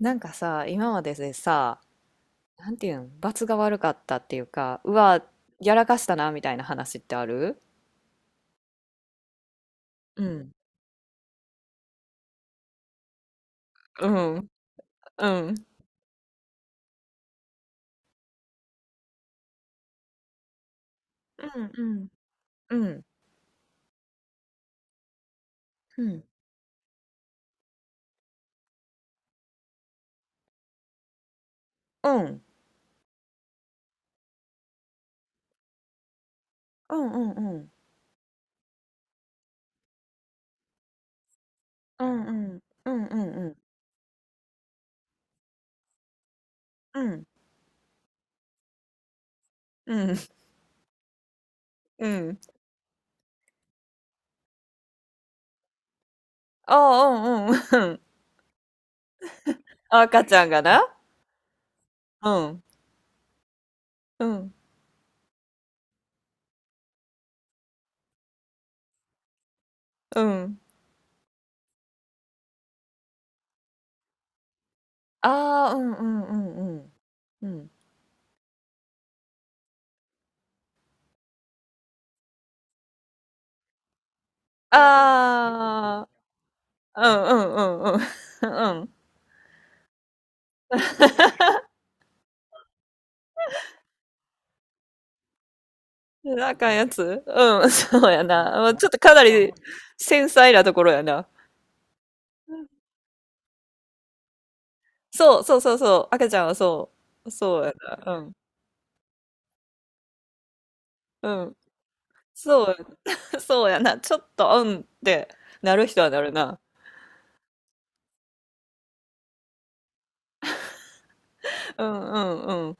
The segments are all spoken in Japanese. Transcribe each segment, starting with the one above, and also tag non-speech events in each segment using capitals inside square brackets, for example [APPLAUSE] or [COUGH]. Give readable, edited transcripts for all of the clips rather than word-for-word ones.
なんかさ、今まででさ、なんていうん、罰が悪かったっていうか、うわ、やらかしたな、みたいな話ってある？うん。うん。うん。うん。うん。うん。うん。うん。うん。うん。うん。うん。うん。うん。うん。うん。うん。うん。ああ、うん。うん。うん。赤ちゃんがな。うん。うん。うん。ああ、うん。うん。うん。うん。うん。ああ、うん。うん。うん。うん。うん。あかんやつ、うん、[LAUGHS] そうやな。まあちょっとかなり繊細なところやな。そう、そうそうそう。赤ちゃんはそう。そうやな。うん。うん。そう、[LAUGHS] そうやな。ちょっと、うんってなる人はなるな。うんうん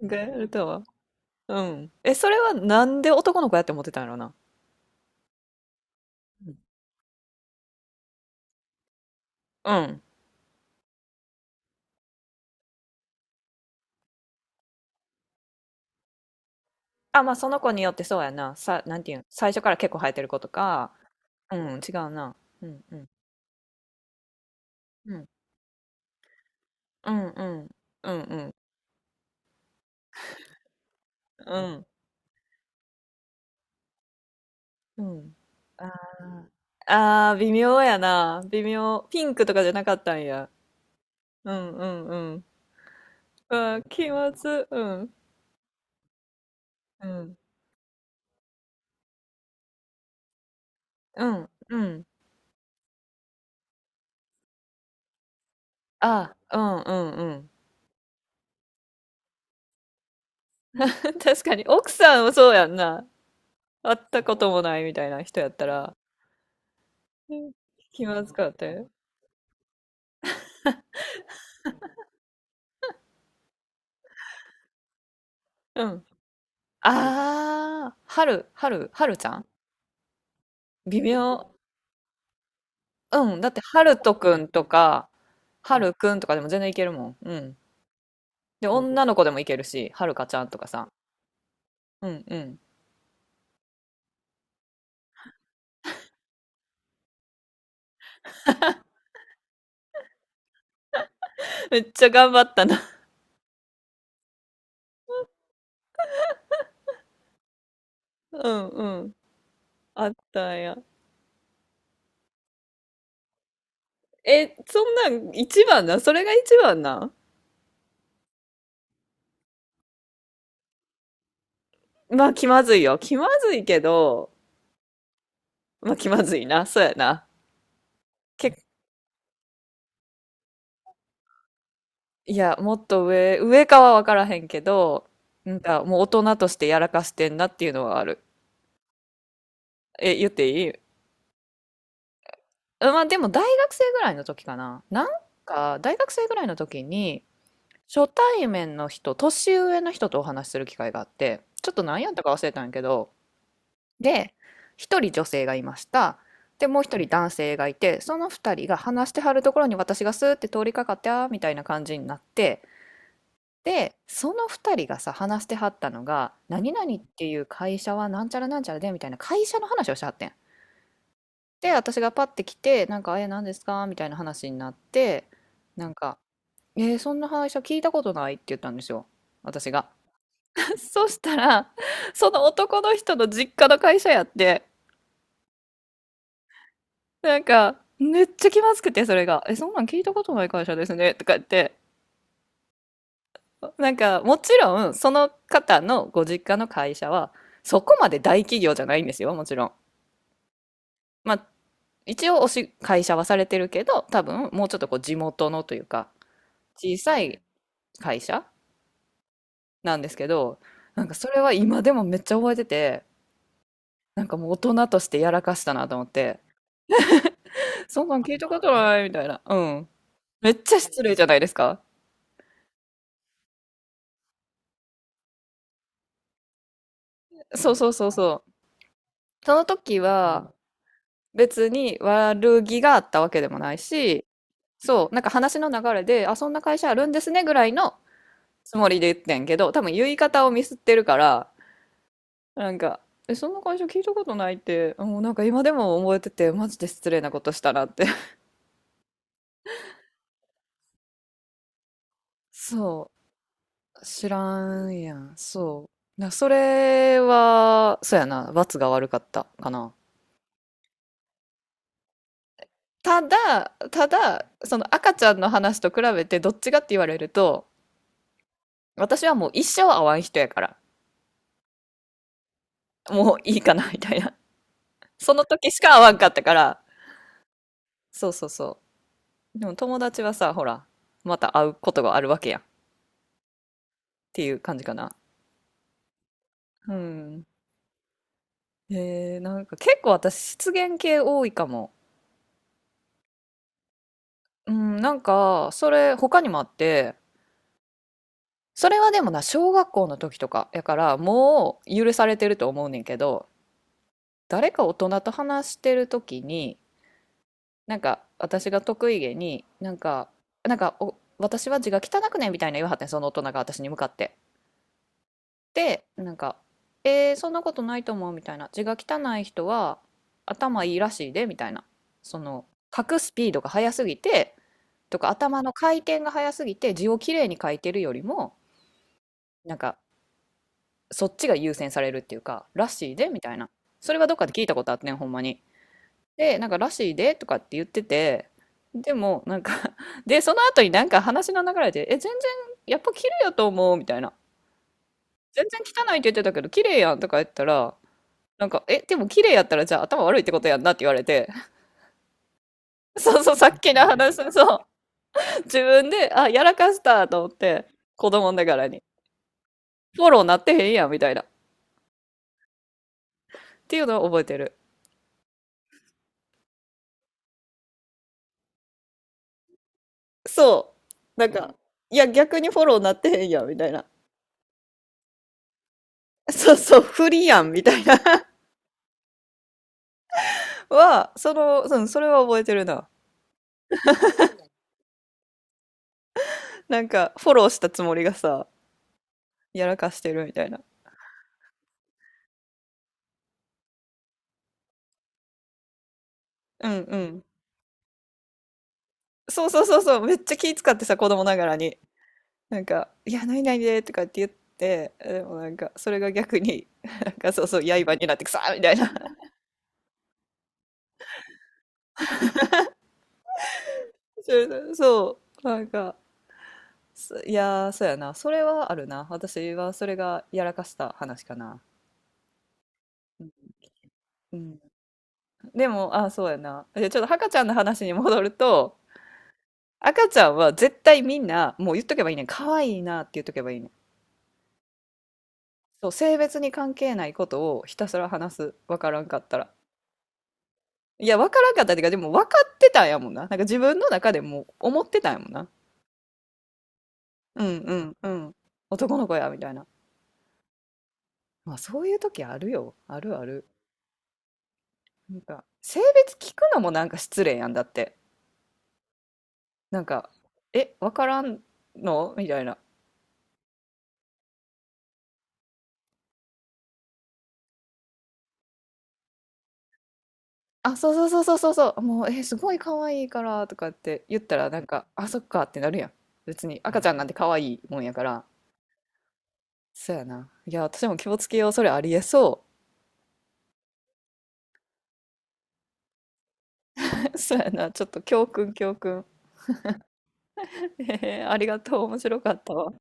うん。がやるとは。うん。え、それはなんで男の子やって思ってたんやろな。うん。あ、まあその子によってそうやな。さ、なんていうん。最初から結構生えてる子とか。うん、違うな。うんうん。うん。うんうん。うんうん。うん。うん。あー、あー、微妙やな。微妙。ピンクとかじゃなかったんや。うんうんうん。あー、気まず。うん。うん。うん。うん。あー、うんうんうん。[LAUGHS] 確かに、奥さんもそうやんな。会ったこともないみたいな人やったら、うん、気まずかったよ。うん。ああ、はる、はる、はるちゃん。微妙。うん。だって、はるとくんとか、はるくんとかでも全然いけるもん。うん。で、女の子でもいけるし、はるかちゃんとかさ。うんうん。めっちゃ頑張ったな。うんうん。あったんや。え、そんなん一番な。それが一番な。まあ気まずいよ。気まずいけど、まあ気まずいな。そうやな。け、いや、もっと上、上かは分からへんけど、なんかもう大人としてやらかしてんなっていうのはある。え、言っていい？あ、まあでも大学生ぐらいの時かな。なんか大学生ぐらいの時に初対面の人、年上の人とお話しする機会があって、ちょっと何やったか忘れたんやけど、で、一人女性がいました。で、もう一人男性がいて、その二人が話してはるところに私がスーって通りかかってあーみたいな感じになって、で、その二人がさ、話してはったのが、何々っていう会社はなんちゃらなんちゃらでみたいな会社の話をしてはってん。で、私がパッて来て、なんか、え、何ですかみたいな話になって、なんか、えーそんな会社聞いたことないって言ったんですよ。私が。[LAUGHS] そしたら、その男の人の実家の会社やって、なんか、めっちゃ気まずくて、それが。え、そんなん聞いたことない会社ですね。とか言って。なんか、もちろん、その方のご実家の会社は、そこまで大企業じゃないんですよ、もちろん。まあ、一応会社はされてるけど、多分、もうちょっとこう、地元のというか、小さい会社なんですけど、なんかそれは今でもめっちゃ覚えてて、なんかもう大人としてやらかしたなと思って、そんなん聞いたことないみたいな。うん。めっちゃ失礼じゃないですか。そうそうそうそう。その時は、別に悪気があったわけでもないし、そう、なんか話の流れで、あ、そんな会社あるんですねぐらいのつもりで言ってんけど、多分言い方をミスってるから、なんか、え、そんな会社聞いたことないって、もうなんか今でも覚えてて、マジで失礼なことしたなって。[LAUGHS] そう、知らんやん、そう。な、それは、そうやな、罰が悪かったかな。ただ、その赤ちゃんの話と比べてどっちがって言われると、私はもう一生会わん人やから。もういいかなみたいな。その時しか会わんかったから、そうそうそう。でも友達はさ、ほら、また会うことがあるわけやんっていう感じかな。うん。なんか結構私失言系多いかも。うん、なんかそれ他にもあって、それはでもな、小学校の時とかやからもう許されてると思うねんけど、誰か大人と話してる時に、なんか私が得意げに、なんか、私は字が汚くねみたいな言わはってんその大人が私に向かって。で、なんか、そんなことないと思うみたいな。字が汚い人は頭いいらしいでみたいな。その、書くスピードが速すぎて、とか頭の回転が速すぎて字をきれいに書いてるよりも、なんか、そっちが優先されるっていうか、らしいでみたいな。それはどっかで聞いたことあってん、ほんまに。で、なんか、らしいでとかって言ってて、でも、なんか [LAUGHS] で、その後になんか話の流れで、え、全然、やっぱ綺麗やと思うみたいな。全然汚いって言ってたけど、綺麗やんとか言ったら、なんか、え、でも綺麗やったらじゃあ頭悪いってことやんなって言われて、[LAUGHS] そうそう、さっきの話、そう、自分で、あ、やらかしたと思って、子供ながらに、フォローなってへんやんみたいな、っていうのを覚えてる。そう、なんか、いや、逆にフォローなってへんやんみたいな。[LAUGHS] そうそう、不利やんみたいな [LAUGHS] は、その、うん、それは覚えてるな。なんか、フォローしたつもりがさ、やらかしてるみたいな。うんうん。そうそうそうそう、めっちゃ気使ってさ、子供ながらに。なんか、いや、ないないでとかって言って、でもなんか、それが逆に、[LAUGHS] なんか、そうそう、刃になってくさーみたいな。[LAUGHS] そう、そうなんか、そいやー、そうやな。それはあるな。私はそれがやらかした話かな。うん。でも、あ、そうやな。で、ちょっと赤ちゃんの話に戻ると、赤ちゃんは絶対みんな、もう言っとけばいいねん。可愛いなって言っとけばいいねん。そう、性別に関係ないことをひたすら話す。わからんかったら。いや、わからんかったっていうか、でも分かってたんやもんな。なんか自分の中でも思ってたんやもんな。うんうんうん。男の子や、みたいな。まあ、そういう時あるよ。あるある。なんか、性別聞くのもなんか失礼やんだって。なんか、え、わからんのみたいな。あ、そうそうそうそうそうそう。もう、え、すごい可愛いから、とかって言ったら、なんか、あ、そっかってなるやん。別に、赤ちゃんなんて可愛いもんやから。そうやな。いや、私も気をつけよう。それありえそう。[LAUGHS] そうやな。ちょっと教訓、教訓。へえ、ありがとう。面白かったわ。